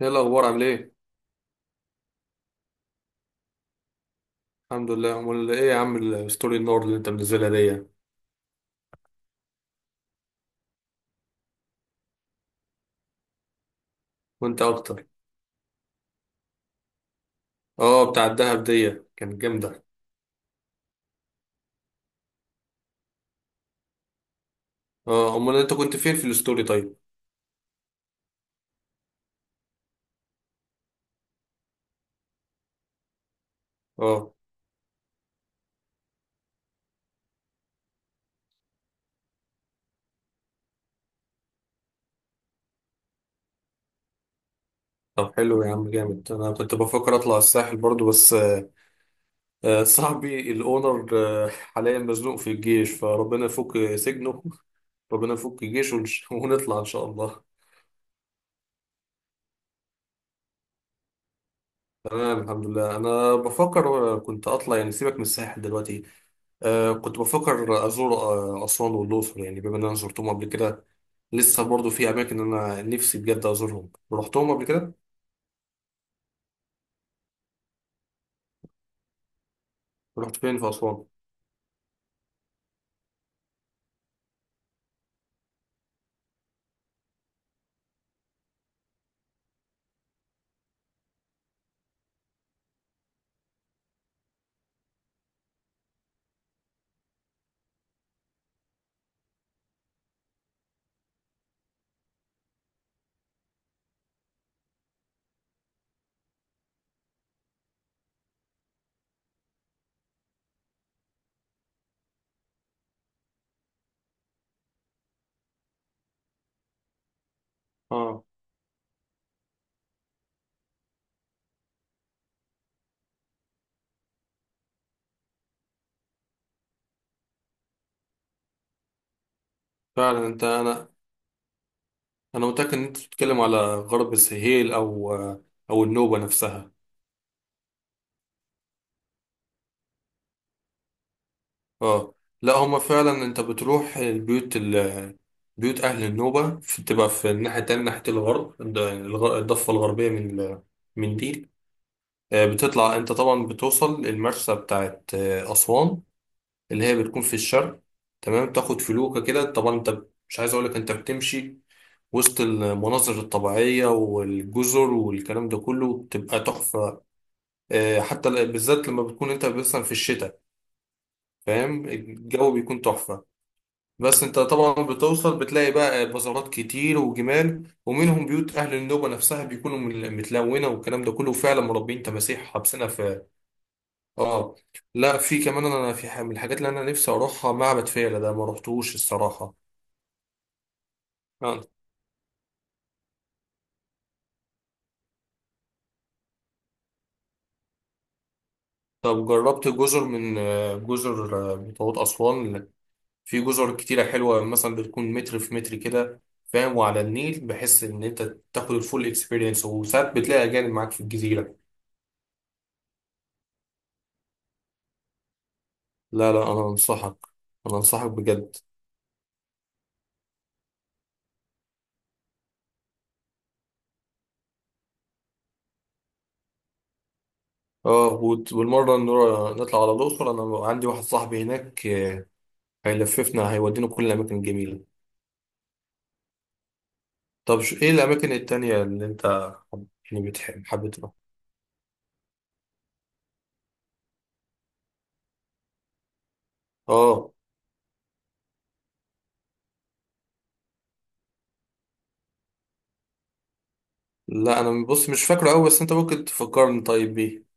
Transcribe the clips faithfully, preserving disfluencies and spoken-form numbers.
ايه الاخبار عامل ايه؟ الحمد لله. امال ايه يا عم الستوري النور اللي انت منزلها دي؟ وانت اكتر. اه، بتاع الدهب دي كانت جامده. اه، امال انت كنت فين في الستوري طيب؟ اه. طب حلو يا عم جامد. انا كنت بفكر اطلع الساحل برضو بس آه، آه، صاحبي الاونر آه، حاليا مزنوق في الجيش فربنا يفك سجنه ربنا يفك جيشه ونش- ونطلع ان شاء الله. تمام الحمد لله. انا بفكر آه، كنت اطلع يعني، سيبك من الساحل دلوقتي. أه كنت بفكر أزور آه، أسوان والأقصر، يعني بما إن أنا زرتهم قبل كده، لسه برضو في أماكن أنا نفسي بجد أزورهم. رحتهم قبل كده؟ رحت فين في أسوان؟ آه. فعلا. أنت أنا أنا متأكد إن أنت بتتكلم على غرب السهيل أو آه، أو النوبة نفسها. آه. لا، هما فعلا. أنت بتروح البيوت ال بيوت أهل النوبة في- بتبقى في الناحية التانية، ناحية الغرب، الد- الغ- الضفة الغربية من ال- من دي. آه، بتطلع أنت طبعا، بتوصل المرسى بتاعت آه، أسوان، اللي هي بتكون في الشرق. تمام، تاخد فلوكة كده طبعا انت، مش عايز اقولك انت بتمشي وسط المناظر الطبيعية والجزر والكلام ده كله، بتبقى تحفة. آه، حتى ل- بالذات لما بتكون انت مثلا في الشتاء، فاهم، الجو بيكون تحفة. بس انت طبعا بتوصل بتلاقي بقى بازارات كتير وجمال، ومنهم بيوت اهل النوبة نفسها بيكونوا مل- متلونة والكلام ده كله، فعلا مربين تماسيح حابسينها في. اه. لا، في كمان انا في ح- من الحاجات اللي انا نفسي اروحها معبد فيلة، ده ما رحتوش الصراحه. آه. طب جربت جزر من آه، جزر آه، بتوعت اسوان؟ في جزر كتيره حلوه، مثلا بتكون متر في متر كده، فاهم، وعلى النيل، بحس ان انت تاخد الفول اكسبيرينس، وساعات بتلاقي اجانب معاك في الجزيره. لا، لا، انا انصحك. انا انصحك بجد. اه. وت- والمره نرا- نطلع على الاقصر. انا عندي واحد صاحبي هناك آه، هيلففنا هيودينا كل الاماكن الجميله. طب ش- ايه الاماكن التانية اللي انت حب- يعني بتحب، حابب تروح. اه، لا، انا بص مش فاكره قوي، بس انت ممكن تفكرني طيب بيه.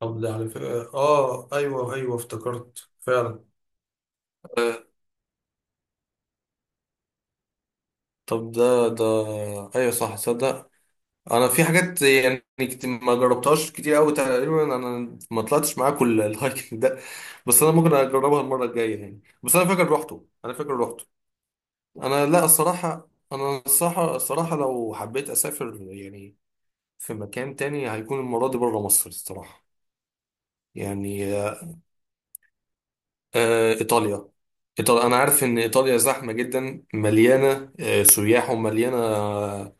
طب ده على فكرة، اه، ايوه، ايوه، افتكرت فعلا. آه، طب ده ده ايوه، صح، صدق. انا في حاجات يعني كت- ما جربتهاش كتير قوي. تقريبا انا ما طلعتش معاك ال- الهايكنج ده، بس انا ممكن اجربها المره الجايه يعني. بس انا فاكر روحته انا فاكر روحته انا، لا، الصراحه، انا الصراحه الصراحه لو حبيت اسافر يعني في مكان تاني، هيكون المرة دي بره مصر الصراحة. يعني آه إيطاليا. إيطاليا، أنا عارف إن إيطاليا زحمة جدا، مليانة آه سياح، ومليانة آه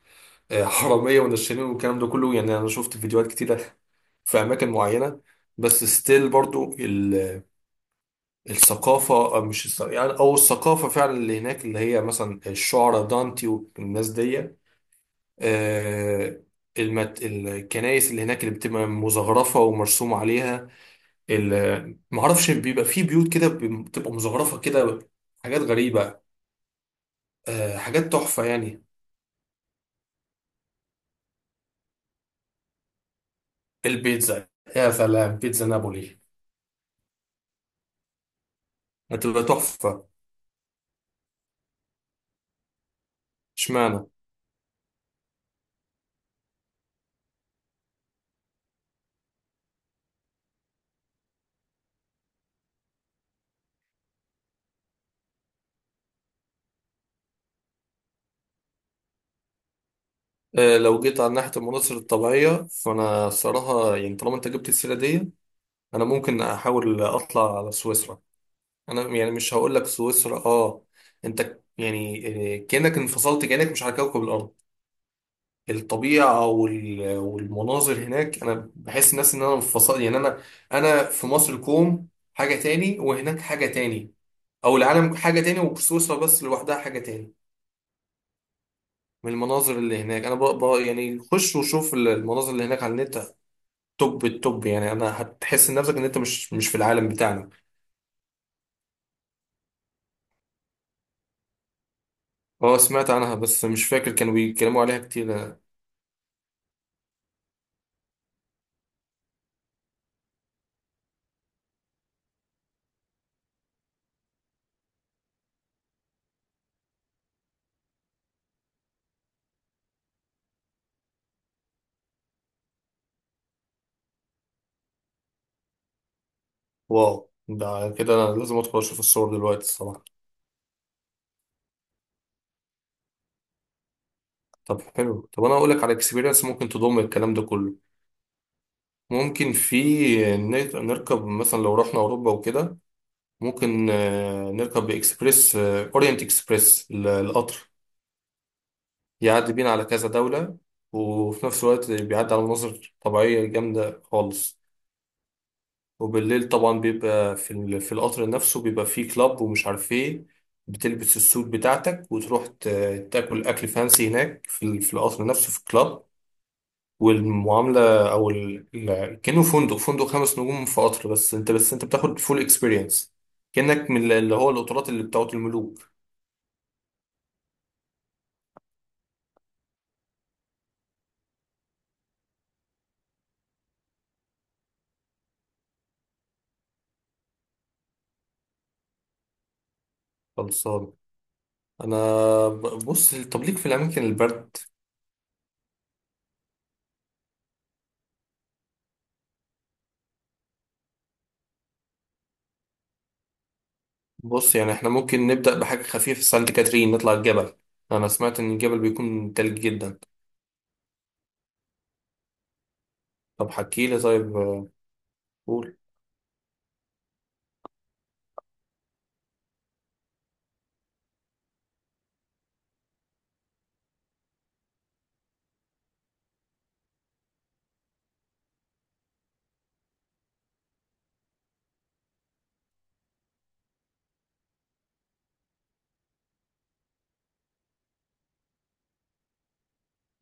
حرامية ونشالين والكلام ده كله يعني. أنا شفت فيديوهات كتيرة في أماكن معينة. بس ستيل برضو ال- الثقافة، أو مش الث- يعني، أو الثقافة فعلا اللي هناك اللي هي مثلا الشعراء دانتي والناس دي. آه، المت... الكنائس اللي هناك اللي بتبقى مزخرفة ومرسوم عليها. ال- معرفش، بيبقى في بيوت كده بتبقى مزخرفة كده، حاجات غريبة. آه، حاجات تحفة يعني. البيتزا. يا سلام، بيتزا نابولي. هتبقى تحفة. اشمعنى. آه، لو جيت على ناحية المناظر الطبيعية، فأنا صراحة يعني، طالما أنت جبت السيرة دي، أنا ممكن أحاول أطلع على سويسرا. أنا يعني مش هقول لك سويسرا أه أنت يعني آه، كأنك انفصلت، كأنك مش على كوكب الأرض. الطبيعة وال- والمناظر هناك، أنا بحس الناس إن أنا منفصل يعني. أنا أنا في مصر كوم، حاجة تاني، وهناك حاجة تاني. أو العالم حاجة تاني، وسويسرا بس لوحدها حاجة تاني من المناظر اللي هناك. أنا بقى بقى يعني، خش وشوف ال- المناظر اللي هناك على النت، توب التوب يعني. أنا هتحس نفسك إن أنت مش مش في العالم بتاعنا. أه، سمعت عنها بس مش فاكر، كانوا بيتكلموا عليها كتير. واو، ده كده أنا لازم أدخل أشوف الصور دلوقتي الصراحة. طب حلو. طب أنا أقول لك على اكسبيرينس، ممكن تضم الكلام ده كله. ممكن في نرك- نركب مثلا لو رحنا أوروبا وكده، ممكن آه، نركب إكسبريس آه، أورينت إكسبريس ال- القطر، يعدي بينا على كذا دولة، وفي نفس الوقت بيعدي على مناظر طبيعية جامدة خالص. وبالليل طبعا بيبقى في ال- في القطر نفسه، بيبقى فيه كلاب ومش عارف إيه. بتلبس السوت بتاعتك وتروح ت- تاكل أكل فانسي هناك في ال- في القطر نفسه، في الكلاب، والمعامله، او ال... ال- كانه فندق فندق خمس نجوم في قطر، بس انت بس انت بتاخد فول اكسبيرينس، كانك من اللي هو القطارات اللي بتاعت الملوك. خلصان. انا ب- بص. طب ليك في الاماكن البرد؟ بص يعني، احنا ممكن نبدا بحاجه خفيفه، في سانت كاترين نطلع الجبل. انا سمعت ان الجبل بيكون تلج جدا. طب حكي لي طيب آه، قول.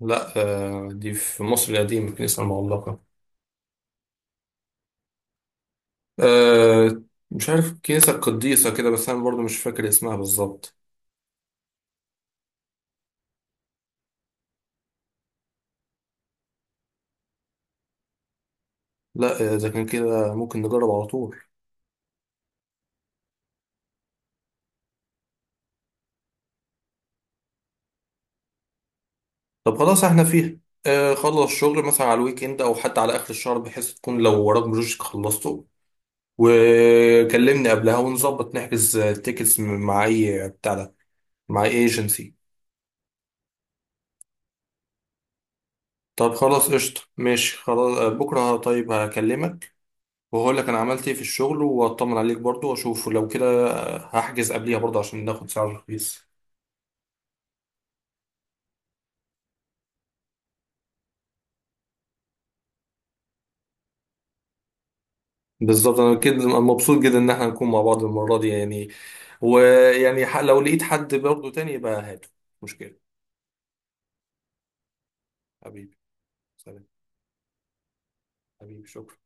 لا، آه، دي في مصر القديمه كنيسه المعلقه. آه. مش عارف، كنيسة قديسة كده، بس أنا برضو مش فاكر اسمها بالظبط. لا، آه، إذا كان كده ممكن نجرب على طول. طب خلاص احنا فيها. آه، خلص شغل مثلا على الويك إند، أو حتى على آخر الشهر، بحيث تكون لو وراك بروجكت خلصته، وكلمني قبلها ونظبط نحجز تيكتس مع أي بتاع ده، مع أي ايجنسي. طب خلاص قشطة، ماشي خلاص. آه، بكرة طيب هكلمك، وهقول لك أنا عملت إيه في الشغل، وأطمن عليك برضو، وأشوف لو كده آه، هحجز قبليها برضو عشان ناخد سعر رخيص. بالظبط، انا كده مبسوط جدا ان احنا نكون مع بعض المره دي يعني. ويعني ح- لو لقيت حد برضه تاني يبقى هاته، مش مشكله. حبيبي. سلام. حبيبي شكرا.